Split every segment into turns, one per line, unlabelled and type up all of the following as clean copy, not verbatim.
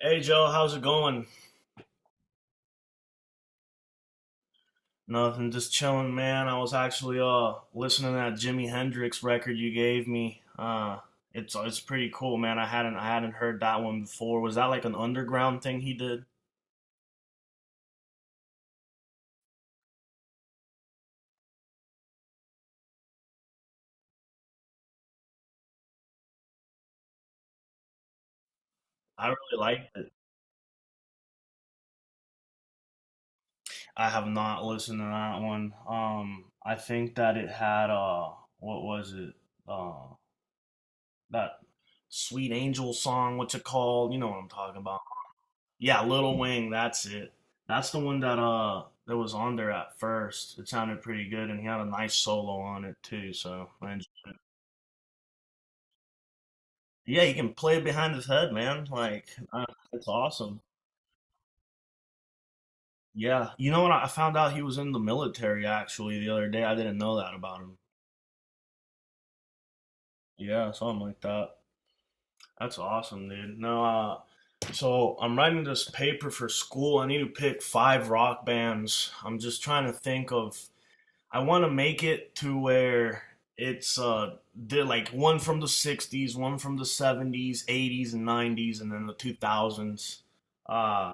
Hey Joe, how's it going? Nothing, just chilling, man. I was actually listening to that Jimi Hendrix record you gave me. It's pretty cool, man. I hadn't heard that one before. Was that like an underground thing he did? I really liked it. I have not listened to that one. I think that it had what was it? Uh, that Sweet Angel song. What's it called? You know what I'm talking about. Yeah, Little Wing, that's it. That's the one that that was on there at first. It sounded pretty good, and he had a nice solo on it too. So, and yeah, he can play it behind his head, man. Uh, it's awesome. Yeah, you know what? I found out he was in the military actually the other day. I didn't know that about him. Yeah, something like that. That's awesome, dude. No, So I'm writing this paper for school. I need to pick five rock bands. I'm just trying to think of I want to make it to where it's they're like one from the 60s, one from the 70s, 80s and 90s and then the 2000s. Uh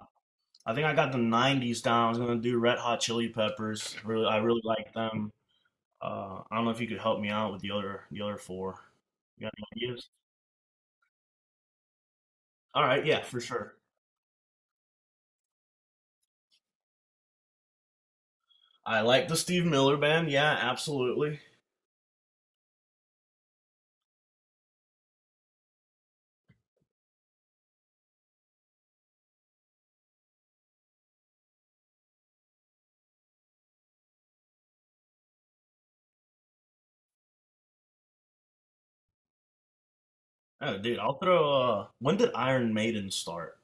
I think I got the 90s down. I was going to do Red Hot Chili Peppers. Really I really like them. I don't know if you could help me out with the other four. You got any ideas? All right, yeah, for sure. I like the Steve Miller band. Yeah, absolutely. Oh, dude, I'll throw when did Iron Maiden start?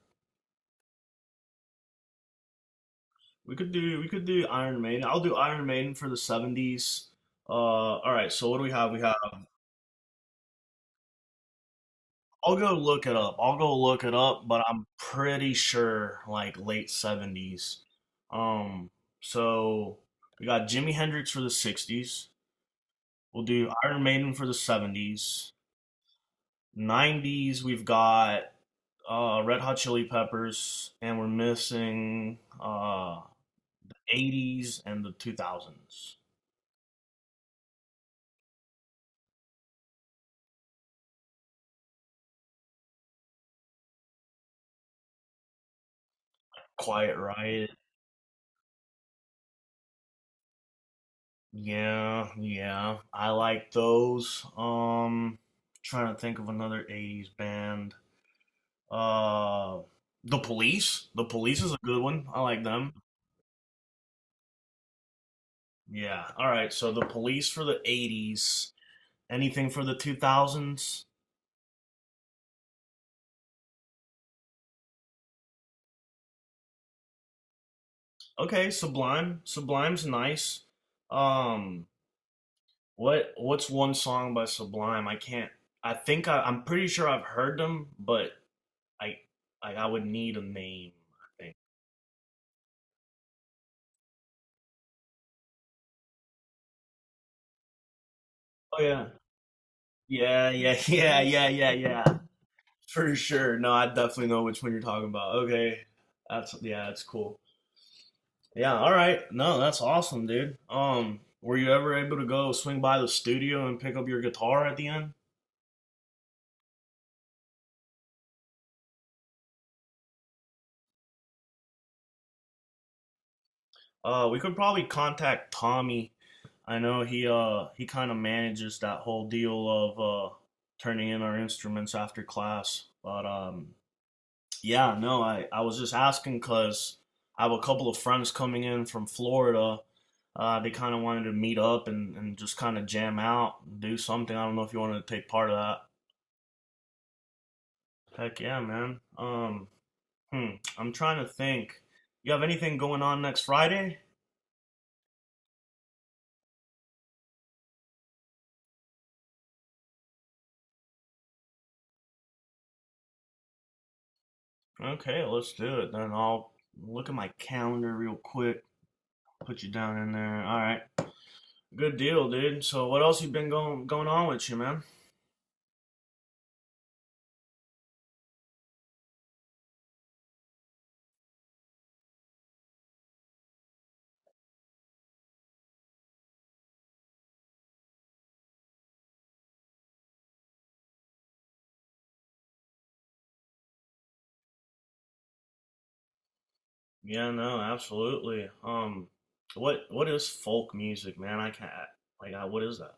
We could do Iron Maiden. I'll do Iron Maiden for the 70s. All right. So what do we have? We have. I'll go look it up. I'll go look it up, but I'm pretty sure like late 70s. Um. So we got Jimi Hendrix for the 60s. We'll do Iron Maiden for the 70s. Nineties. We've got Red Hot Chili Peppers, and we're missing eighties and the two thousands. Quiet Riot. Yeah, yeah. I like those. Trying to think of another 80s band. Uh The Police. The Police is a good one. I like them. Yeah. All right. So The Police for the 80s. Anything for the 2000s? Okay, Sublime. Sublime's nice. Um what what's one song by Sublime? I can't I think I'm pretty sure I've heard them, but I I would need a name, I think. Oh yeah. Yeah, yeah, yeah, yeah, yeah, yeah. For sure. No, I definitely know which one you're talking about. Okay. That's yeah, that's cool. Yeah, all right. No, that's awesome, dude. Were you ever able to go swing by the studio and pick up your guitar at the end? We could probably contact Tommy. I know he kind of manages that whole deal of turning in our instruments after class, but Yeah, no, I was just asking because I have a couple of friends coming in from Florida. They kind of wanted to meet up and, just kind of jam out, do something. I don't know if you wanted to take part of that. Heck yeah, man. Hmm, I'm trying to think. You have anything going on next Friday? Okay, let's do it. Then I'll look at my calendar real quick. Put you down in there. All right. Good deal, dude. So what else you been going on with you, man? Yeah, no, absolutely. What is folk music, man? I can't like, I, what is that?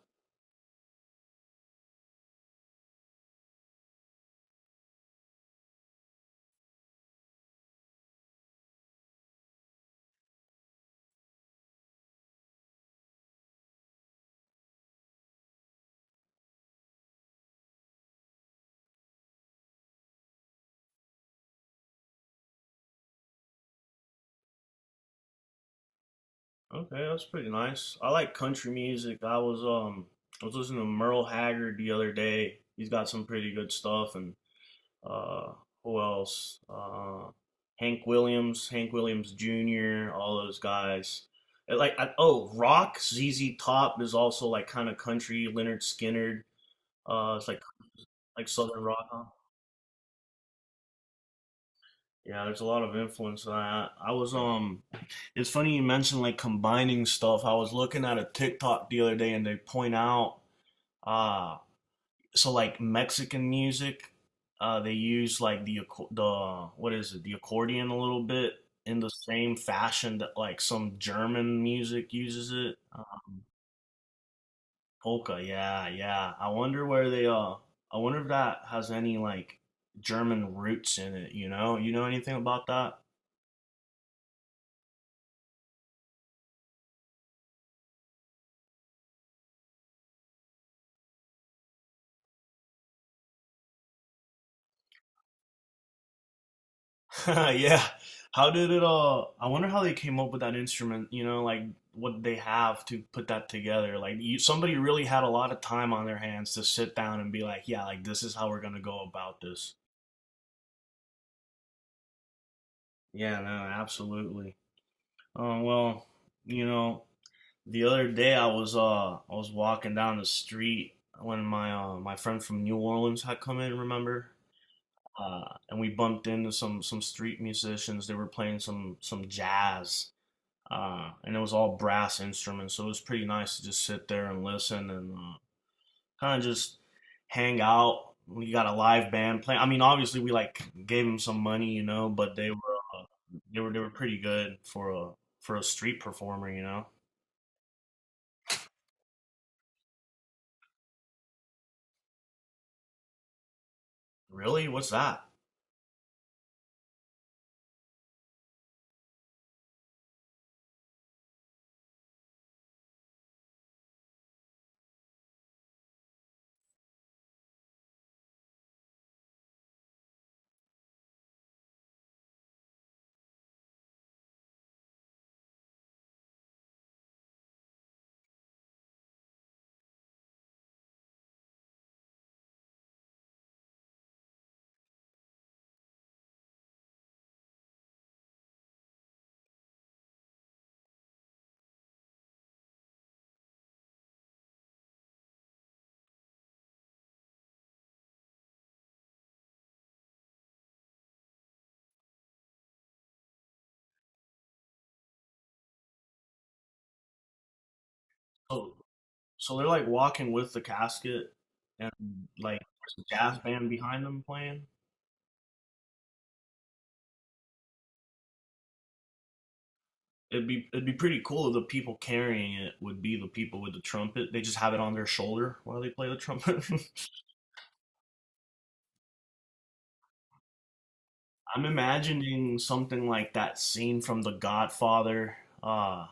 Okay, that's pretty nice. I like country music. I was listening to Merle Haggard the other day. He's got some pretty good stuff. And uh, who else? Hank Williams, Hank Williams Jr., all those guys. And, like, oh, rock. ZZ Top is also like kind of country. Leonard Skinner. It's Like southern rock. Huh? Yeah, there's a lot of influence. I was It's funny you mentioned like combining stuff. I was looking at a TikTok the other day, and they point out uh so like Mexican music, they use like the the what is it, the accordion a little bit in the same fashion that like some German music uses it. Polka, yeah, yeah. I wonder if that has any like German roots in it, you know? You know anything about that? Yeah. How did it all? I wonder how they came up with that instrument. You know, like what they have to put that together. Like you, somebody really had a lot of time on their hands to sit down and be like, yeah, like this is how we're gonna go about this. Yeah, no, absolutely. Well, you know, the other day I was walking down the street when my my friend from New Orleans had come in. Remember? Uh, and we bumped into some street musicians. They were playing some jazz and it was all brass instruments, so it was pretty nice to just sit there and listen and kind of just hang out. We got a live band playing. I mean, obviously we like gave them some money, you know, but they were they were pretty good for a street performer, you know. Really, what's that? So they're like walking with the casket and like there's a jazz band behind them playing. It'd be pretty cool if the people carrying it would be the people with the trumpet. They just have it on their shoulder while they play the trumpet. I'm imagining something like that scene from The Godfather, uh,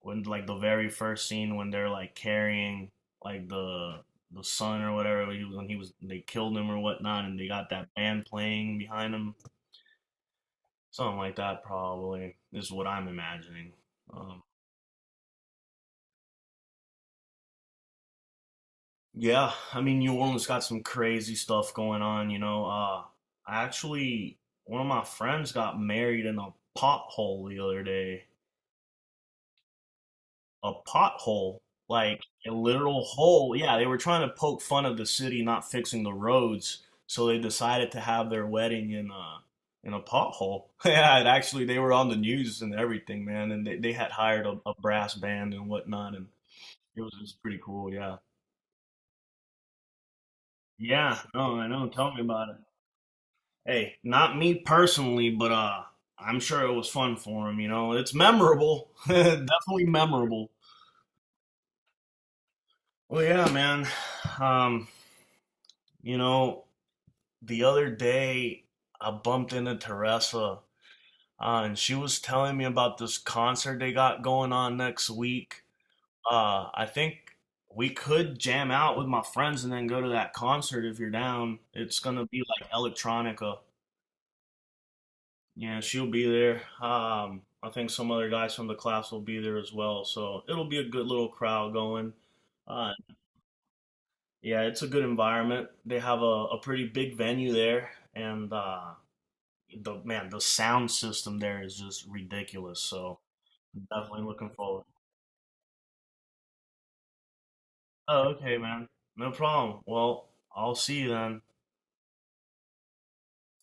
when like the very first scene when they're like carrying like the the son or whatever when he was they killed him or whatnot, and they got that band playing behind him, something like that probably is what I'm imagining. Um, Yeah, I mean, New Orleans got some crazy stuff going on, you know. I actually, One of my friends got married in a pothole the other day. A pothole, like a literal hole. Yeah, they were trying to poke fun of the city not fixing the roads, so they decided to have their wedding in a pothole. Yeah, it actually, they were on the news and everything, man, and they had hired a, brass band and whatnot, and it was just pretty cool. Yeah, yeah. No, I know. Tell me about it. Hey, not me personally, but I'm sure it was fun for him. You know, it's memorable, definitely memorable. Well, yeah, man. Um, you know, the other day I bumped into Teresa, and she was telling me about this concert they got going on next week. I think we could jam out with my friends and then go to that concert if you're down. It's gonna be like electronica. Yeah, she'll be there. I think some other guys from the class will be there as well. So it'll be a good little crowd going. Uh, yeah, it's a good environment. They have a, pretty big venue there, and the sound system there is just ridiculous. So I'm definitely looking forward. Oh, okay, man. No problem. Well, I'll see you then.